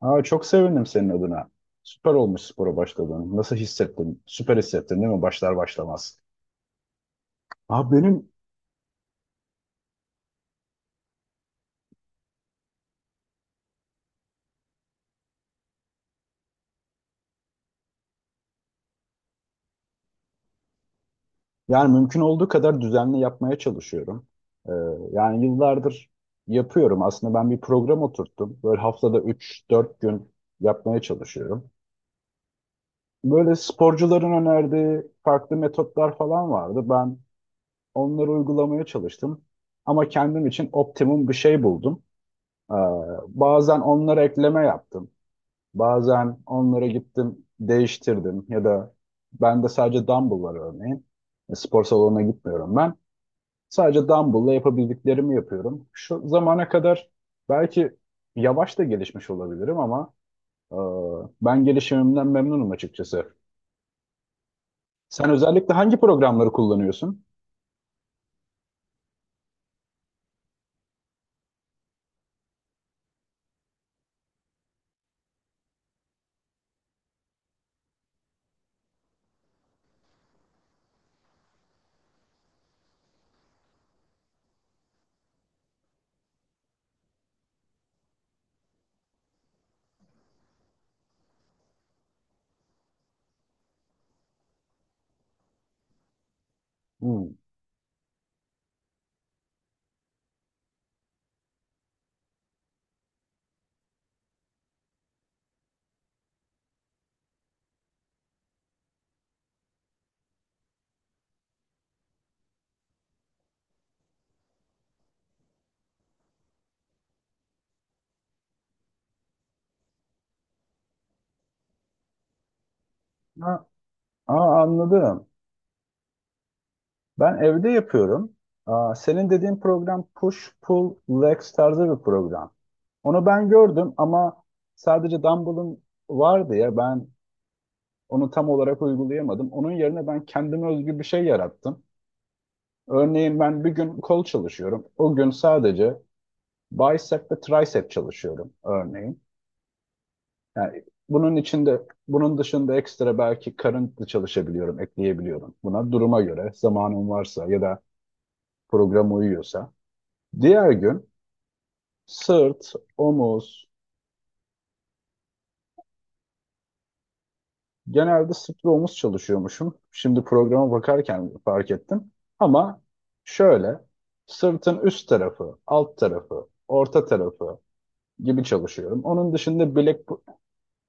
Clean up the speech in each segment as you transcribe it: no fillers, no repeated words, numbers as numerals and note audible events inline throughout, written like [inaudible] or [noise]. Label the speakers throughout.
Speaker 1: Çok sevindim senin adına. Süper olmuş spora başladığın. Nasıl hissettin? Süper hissettin değil mi? Başlar başlamaz. Benim yani mümkün olduğu kadar düzenli yapmaya çalışıyorum. Ee, Yani yıllardır yapıyorum. Aslında ben bir program oturttum. Böyle haftada üç dört gün yapmaya çalışıyorum. Böyle sporcuların önerdiği farklı metotlar falan vardı. Ben onları uygulamaya çalıştım. Ama kendim için optimum bir şey buldum. Ee, Bazen onlara ekleme yaptım. Bazen onlara gittim, değiştirdim ya da ben de sadece dumbbell var örneğin. Spor salonuna gitmiyorum ben. Sadece dumbbell'la yapabildiklerimi yapıyorum. Şu zamana kadar belki yavaş da gelişmiş olabilirim ama e, ben gelişimimden memnunum açıkçası. Sen özellikle hangi programları kullanıyorsun? Hmm. Ha, anladım. Ben evde yapıyorum. Senin dediğin program push, pull, legs tarzı bir program. Onu ben gördüm ama sadece Dumble'ın vardı ya ben onu tam olarak uygulayamadım. Onun yerine ben kendime özgü bir şey yarattım. Örneğin ben bir gün kol çalışıyorum. O gün sadece bicep ve tricep çalışıyorum örneğin. Yani bunun içinde bunun dışında ekstra belki karın da çalışabiliyorum, ekleyebiliyorum. Buna duruma göre zamanım varsa ya da program uyuyorsa. Diğer gün sırt, omuz, genelde sırt ve omuz çalışıyormuşum. Şimdi programa bakarken fark ettim. Ama şöyle sırtın üst tarafı, alt tarafı, orta tarafı gibi çalışıyorum. Onun dışında bilek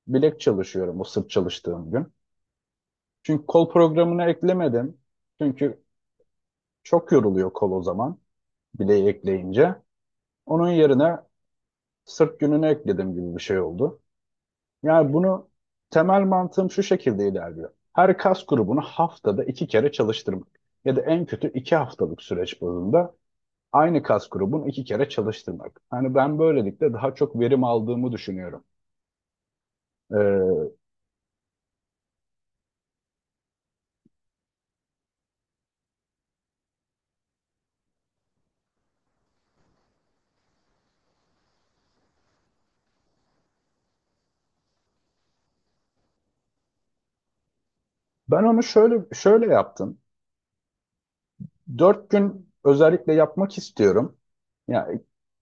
Speaker 1: bilek çalışıyorum o sırt çalıştığım gün. Çünkü kol programına eklemedim. Çünkü çok yoruluyor kol o zaman bileği ekleyince. Onun yerine sırt gününü ekledim gibi bir şey oldu. Yani bunu temel mantığım şu şekilde ilerliyor. Her kas grubunu haftada iki kere çalıştırmak ya da en kötü iki haftalık süreç bazında aynı kas grubunu iki kere çalıştırmak. Hani ben böylelikle daha çok verim aldığımı düşünüyorum. Ee, Ben onu şöyle yaptım. Dört gün özellikle yapmak istiyorum. Ya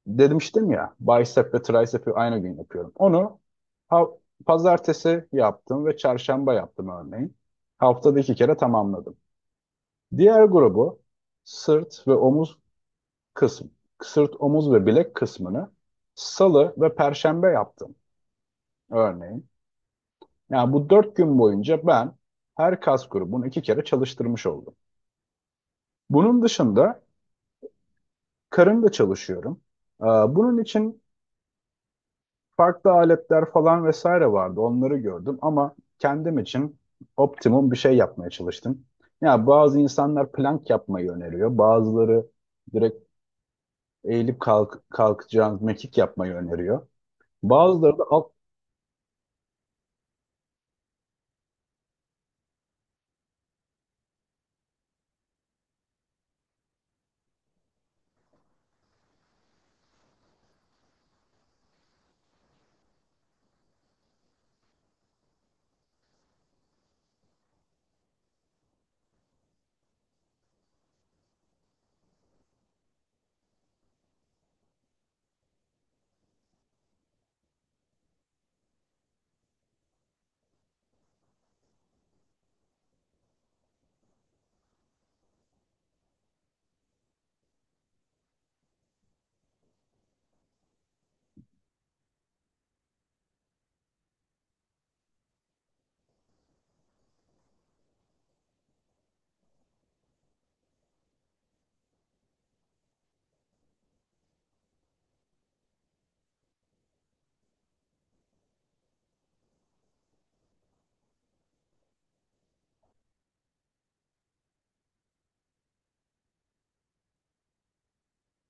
Speaker 1: demiştim ya bicep ve tricep'i aynı gün yapıyorum. Onu ha- pazartesi yaptım ve çarşamba yaptım örneğin. Haftada iki kere tamamladım. Diğer grubu sırt ve omuz kısım, sırt, omuz ve bilek kısmını salı ve perşembe yaptım örneğin. Yani bu dört gün boyunca ben her kas grubunu iki kere çalıştırmış oldum. Bunun dışında karın da çalışıyorum. Bunun için farklı aletler falan vesaire vardı. Onları gördüm ama kendim için optimum bir şey yapmaya çalıştım. Ya bazı insanlar plank yapmayı öneriyor. Bazıları direkt eğilip kalk, kalkacağın mekik yapmayı öneriyor. Bazıları da alt...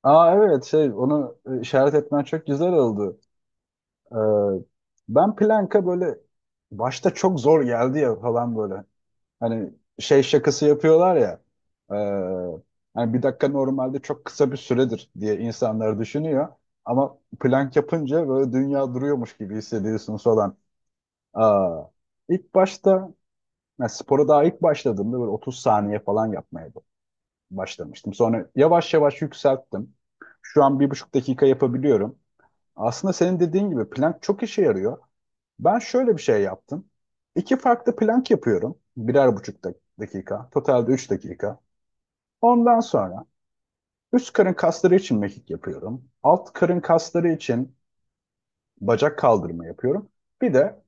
Speaker 1: Aa evet şey onu işaret etmen çok güzel oldu. Ee, Ben planka böyle başta çok zor geldi ya falan böyle. Hani şey şakası yapıyorlar ya. e, Hani bir dakika normalde çok kısa bir süredir diye insanlar düşünüyor. Ama plank yapınca böyle dünya duruyormuş gibi hissediyorsunuz falan. Aa, ilk başta yani spora daha ilk başladığımda böyle 30 saniye falan yapmaya başlamıştım. Sonra yavaş yavaş yükselttim. Şu an bir buçuk dakika yapabiliyorum. Aslında senin dediğin gibi plank çok işe yarıyor. Ben şöyle bir şey yaptım. İki farklı plank yapıyorum. Birer buçuk dakika. Totalde üç dakika. Ondan sonra üst karın kasları için mekik yapıyorum. Alt karın kasları için bacak kaldırma yapıyorum. Bir de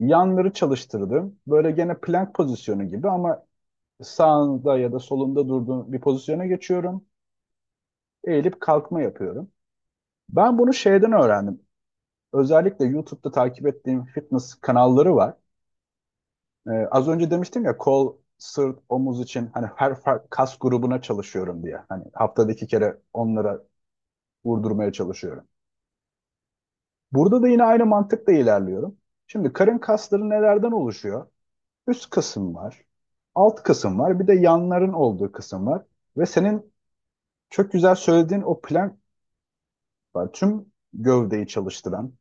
Speaker 1: yanları çalıştırdım. Böyle gene plank pozisyonu gibi ama sağında ya da solunda durduğum bir pozisyona geçiyorum. Eğilip kalkma yapıyorum. Ben bunu şeyden öğrendim. Özellikle YouTube'da takip ettiğim fitness kanalları var. Az önce demiştim ya kol, sırt, omuz için hani her farklı kas grubuna çalışıyorum diye. Hani haftada iki kere onlara vurdurmaya çalışıyorum. Burada da yine aynı mantıkla ilerliyorum. Şimdi karın kasları nelerden oluşuyor? Üst kısım var, alt kısım var, bir de yanların olduğu kısım var. Ve senin çok güzel söylediğin o plank var. Tüm gövdeyi çalıştıran.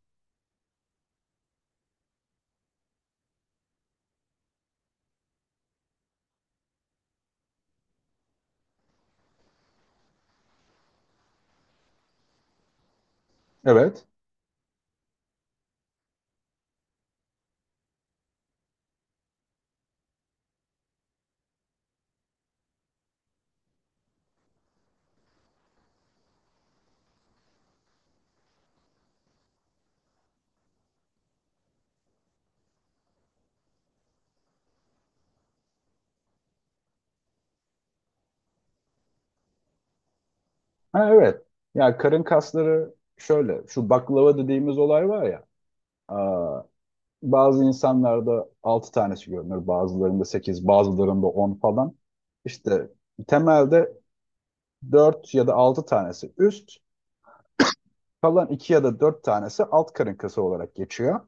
Speaker 1: Evet. Ha, evet. Ya karın kasları şöyle. Şu baklava dediğimiz olay var ya. aa, Bazı insanlarda 6 tanesi görünür. Bazılarında 8, bazılarında 10 falan. İşte temelde 4 ya da 6 tanesi üst. Kalan 2 ya da 4 tanesi alt karın kası olarak geçiyor.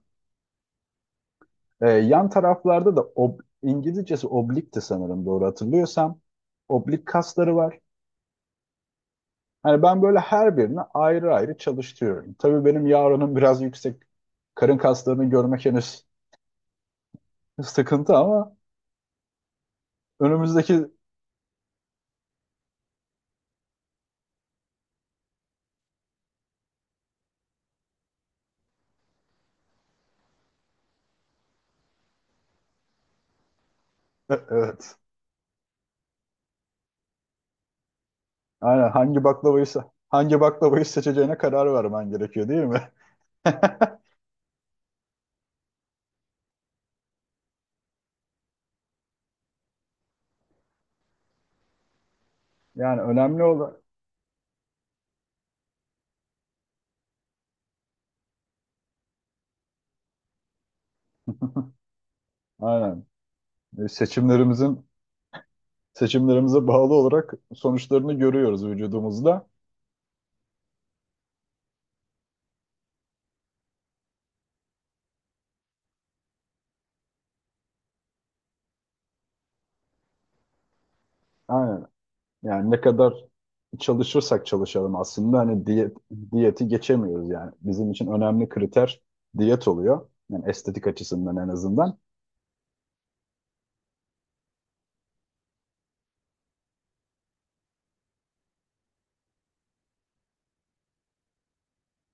Speaker 1: Yan taraflarda da İngilizcesi oblikti sanırım doğru hatırlıyorsam. Oblik kasları var. Hani ben böyle her birini ayrı ayrı çalıştırıyorum. Tabii benim yarınım biraz yüksek. Karın kaslarını görmek henüz sıkıntı ama önümüzdeki evet. Aynen hangi baklavayı seçeceğine karar vermen gerekiyor değil mi? [laughs] Yani önemli olan aynen. E, seçimlerimizin Seçimlerimize bağlı olarak sonuçlarını görüyoruz vücudumuzda. Aynen. Yani ne kadar çalışırsak çalışalım aslında hani diyeti geçemiyoruz yani. Bizim için önemli kriter diyet oluyor. Yani estetik açısından en azından.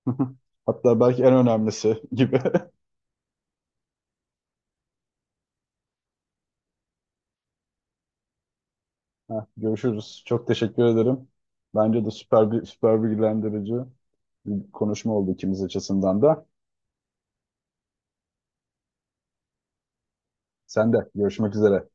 Speaker 1: [laughs] Hatta belki en önemlisi gibi. [laughs] Heh, görüşürüz. Çok teşekkür ederim. Bence de süper bilgilendirici bir konuşma oldu ikimiz açısından da. Sen de görüşmek üzere.